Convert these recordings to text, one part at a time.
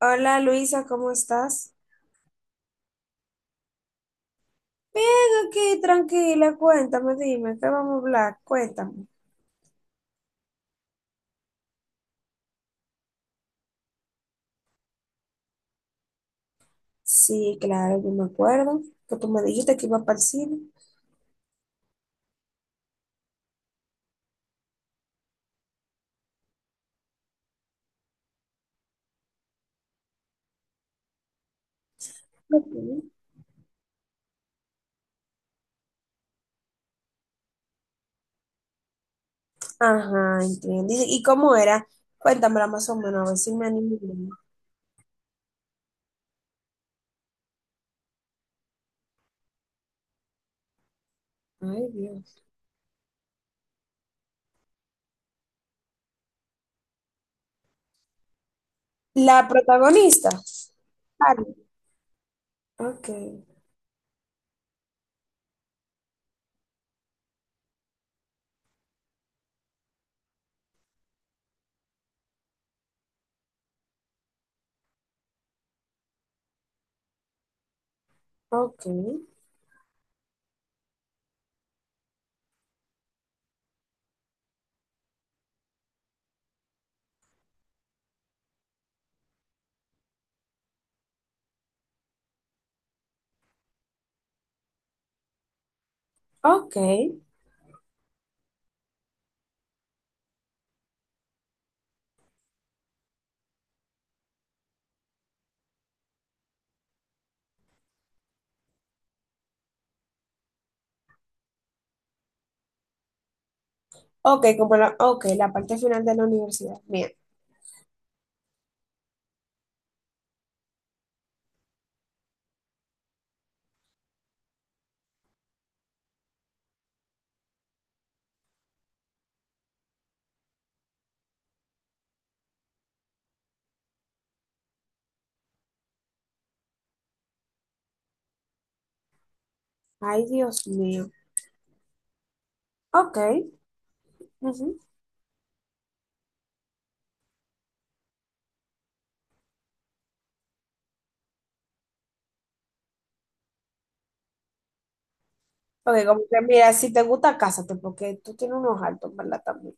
Hola Luisa, ¿cómo estás? Bien, aquí tranquila, cuéntame, dime, ¿qué vamos a hablar? Cuéntame. Sí, claro, yo me acuerdo que tú me dijiste que iba para el cine. Ok. Ajá, entiendo. ¿Y cómo era? Cuéntamela más o menos, a ver si me animo. Ay, Dios. La protagonista. Carmen. Ok, ok, ok, ok, la parte final de la universidad. Bien. Ay, Dios mío. Ok. Ok, como que mira, si te gusta, cásate, porque tú tienes unos altos, ¿verdad? También.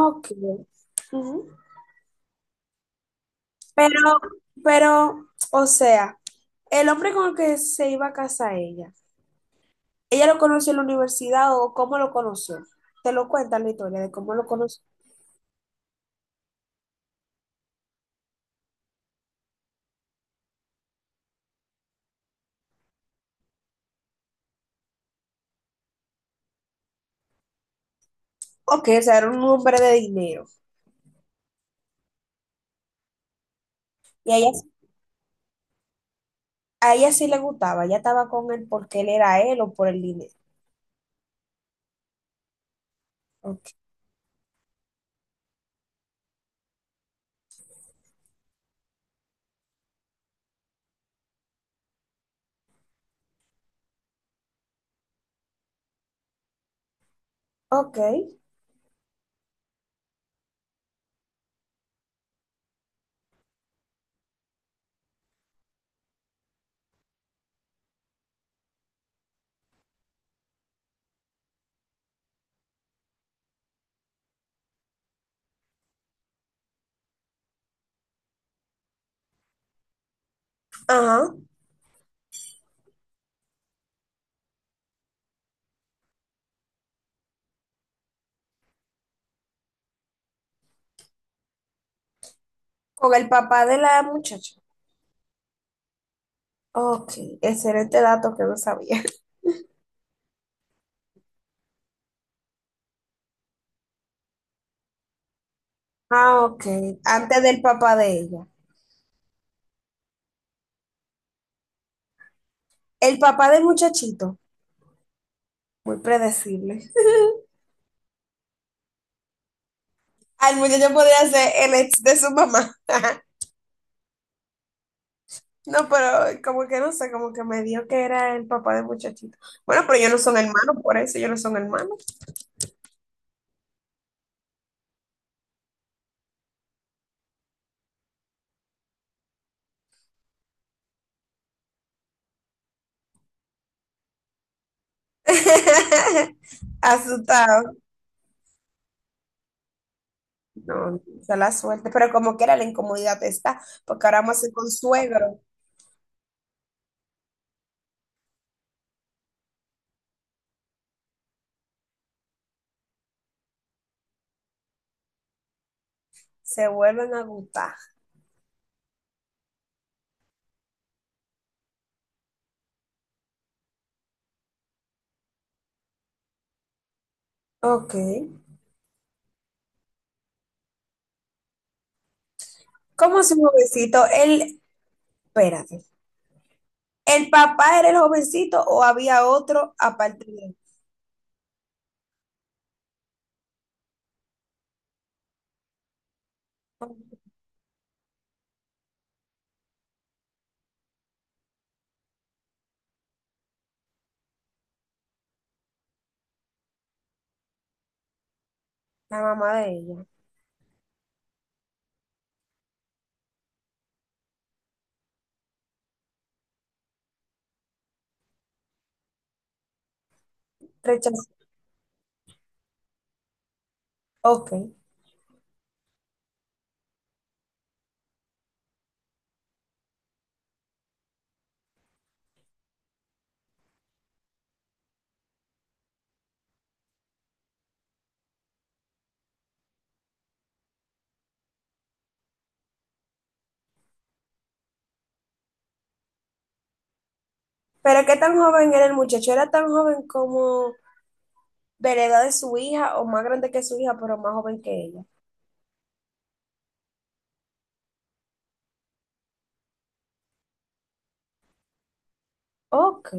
Ok. Ujú. Pero, pero, o sea, el hombre con el que se iba a casa ella, ¿ella lo conoció en la universidad o cómo lo conoció? Te lo cuenta la historia de cómo lo conoció. Ok, o sea, era un hombre de dinero. Y a ella sí le gustaba, ella estaba con él porque él era él o por el dinero. Ok. Ok. Ajá. Con el papá de la muchacha. Ok, excelente dato que no sabía. Ah, ok. Antes del papá de ella. El papá del muchachito, muy predecible. Al muchacho podría ser el ex de su mamá. No, pero como que no sé, como que me dio que era el papá del muchachito. Bueno, pero ellos no son hermanos, por eso ellos no son hermanos. Asustado. No, se la suerte. Pero como quiera, la incomodidad está, porque ahora más con suegro se vuelven a gustar. Ok. ¿Cómo su jovencito? Él, espérate. ¿El papá era el jovencito o había otro aparte de él? La mamá de ella. Rechazó. Ok. ¿Pero qué tan joven era el muchacho? ¿Era tan joven como de la edad de su hija o más grande que su hija, pero más joven que ella? Ok.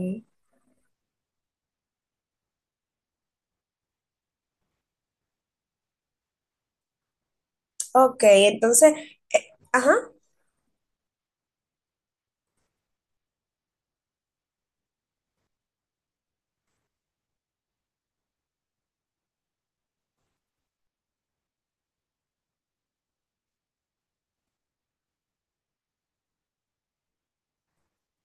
Ok, entonces, ajá.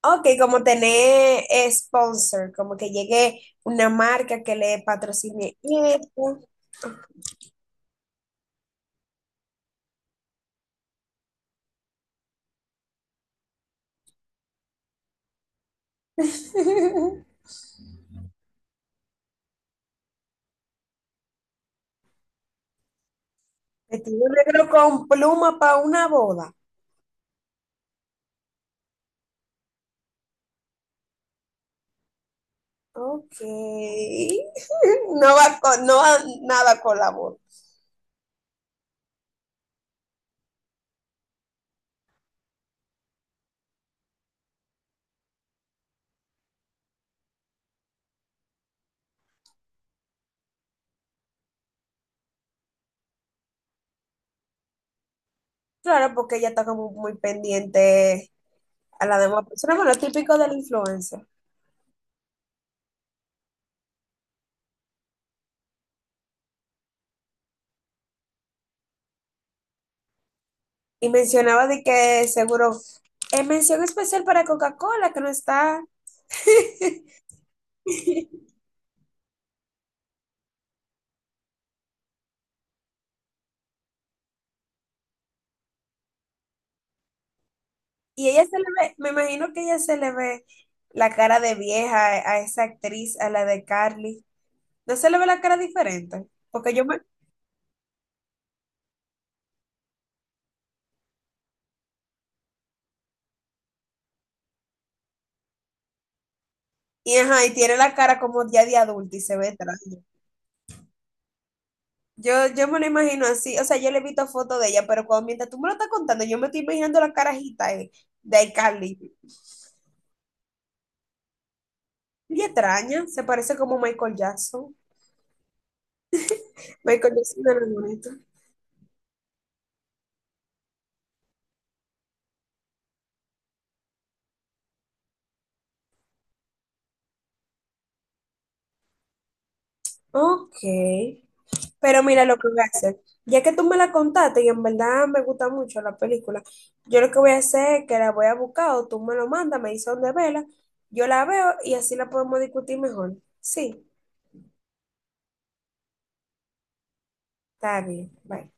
Ok, como tener sponsor, como que llegue una marca que le patrocine esto. Vestido negro con pluma para una boda. Ok. No va, con- no va nada con la voz. Claro, porque ella está como muy pendiente a la demás persona, bueno, típico del influencer. Y mencionaba de que seguro es mención especial para Coca-Cola, que no está. Y ella se le ve, me imagino que ella se le ve la cara de vieja a esa actriz, a la de Carly. No se le ve la cara diferente, porque yo me... Y, ajá, y tiene la cara como ya de adulta y se ve extraña. Yo me lo imagino así, o sea, yo le he visto fotos de ella, pero cuando mientras tú me lo estás contando, yo me estoy imaginando la carajita de iCarly. Y extraña, se parece como Michael Jackson. Michael Jackson era bonito. Ok. Pero mira lo que voy a hacer. Ya que tú me la contaste y en verdad me gusta mucho la película, yo lo que voy a hacer es que la voy a buscar o tú me lo mandas, me dices dónde verla, yo la veo y así la podemos discutir mejor. Sí, está bien. Bye.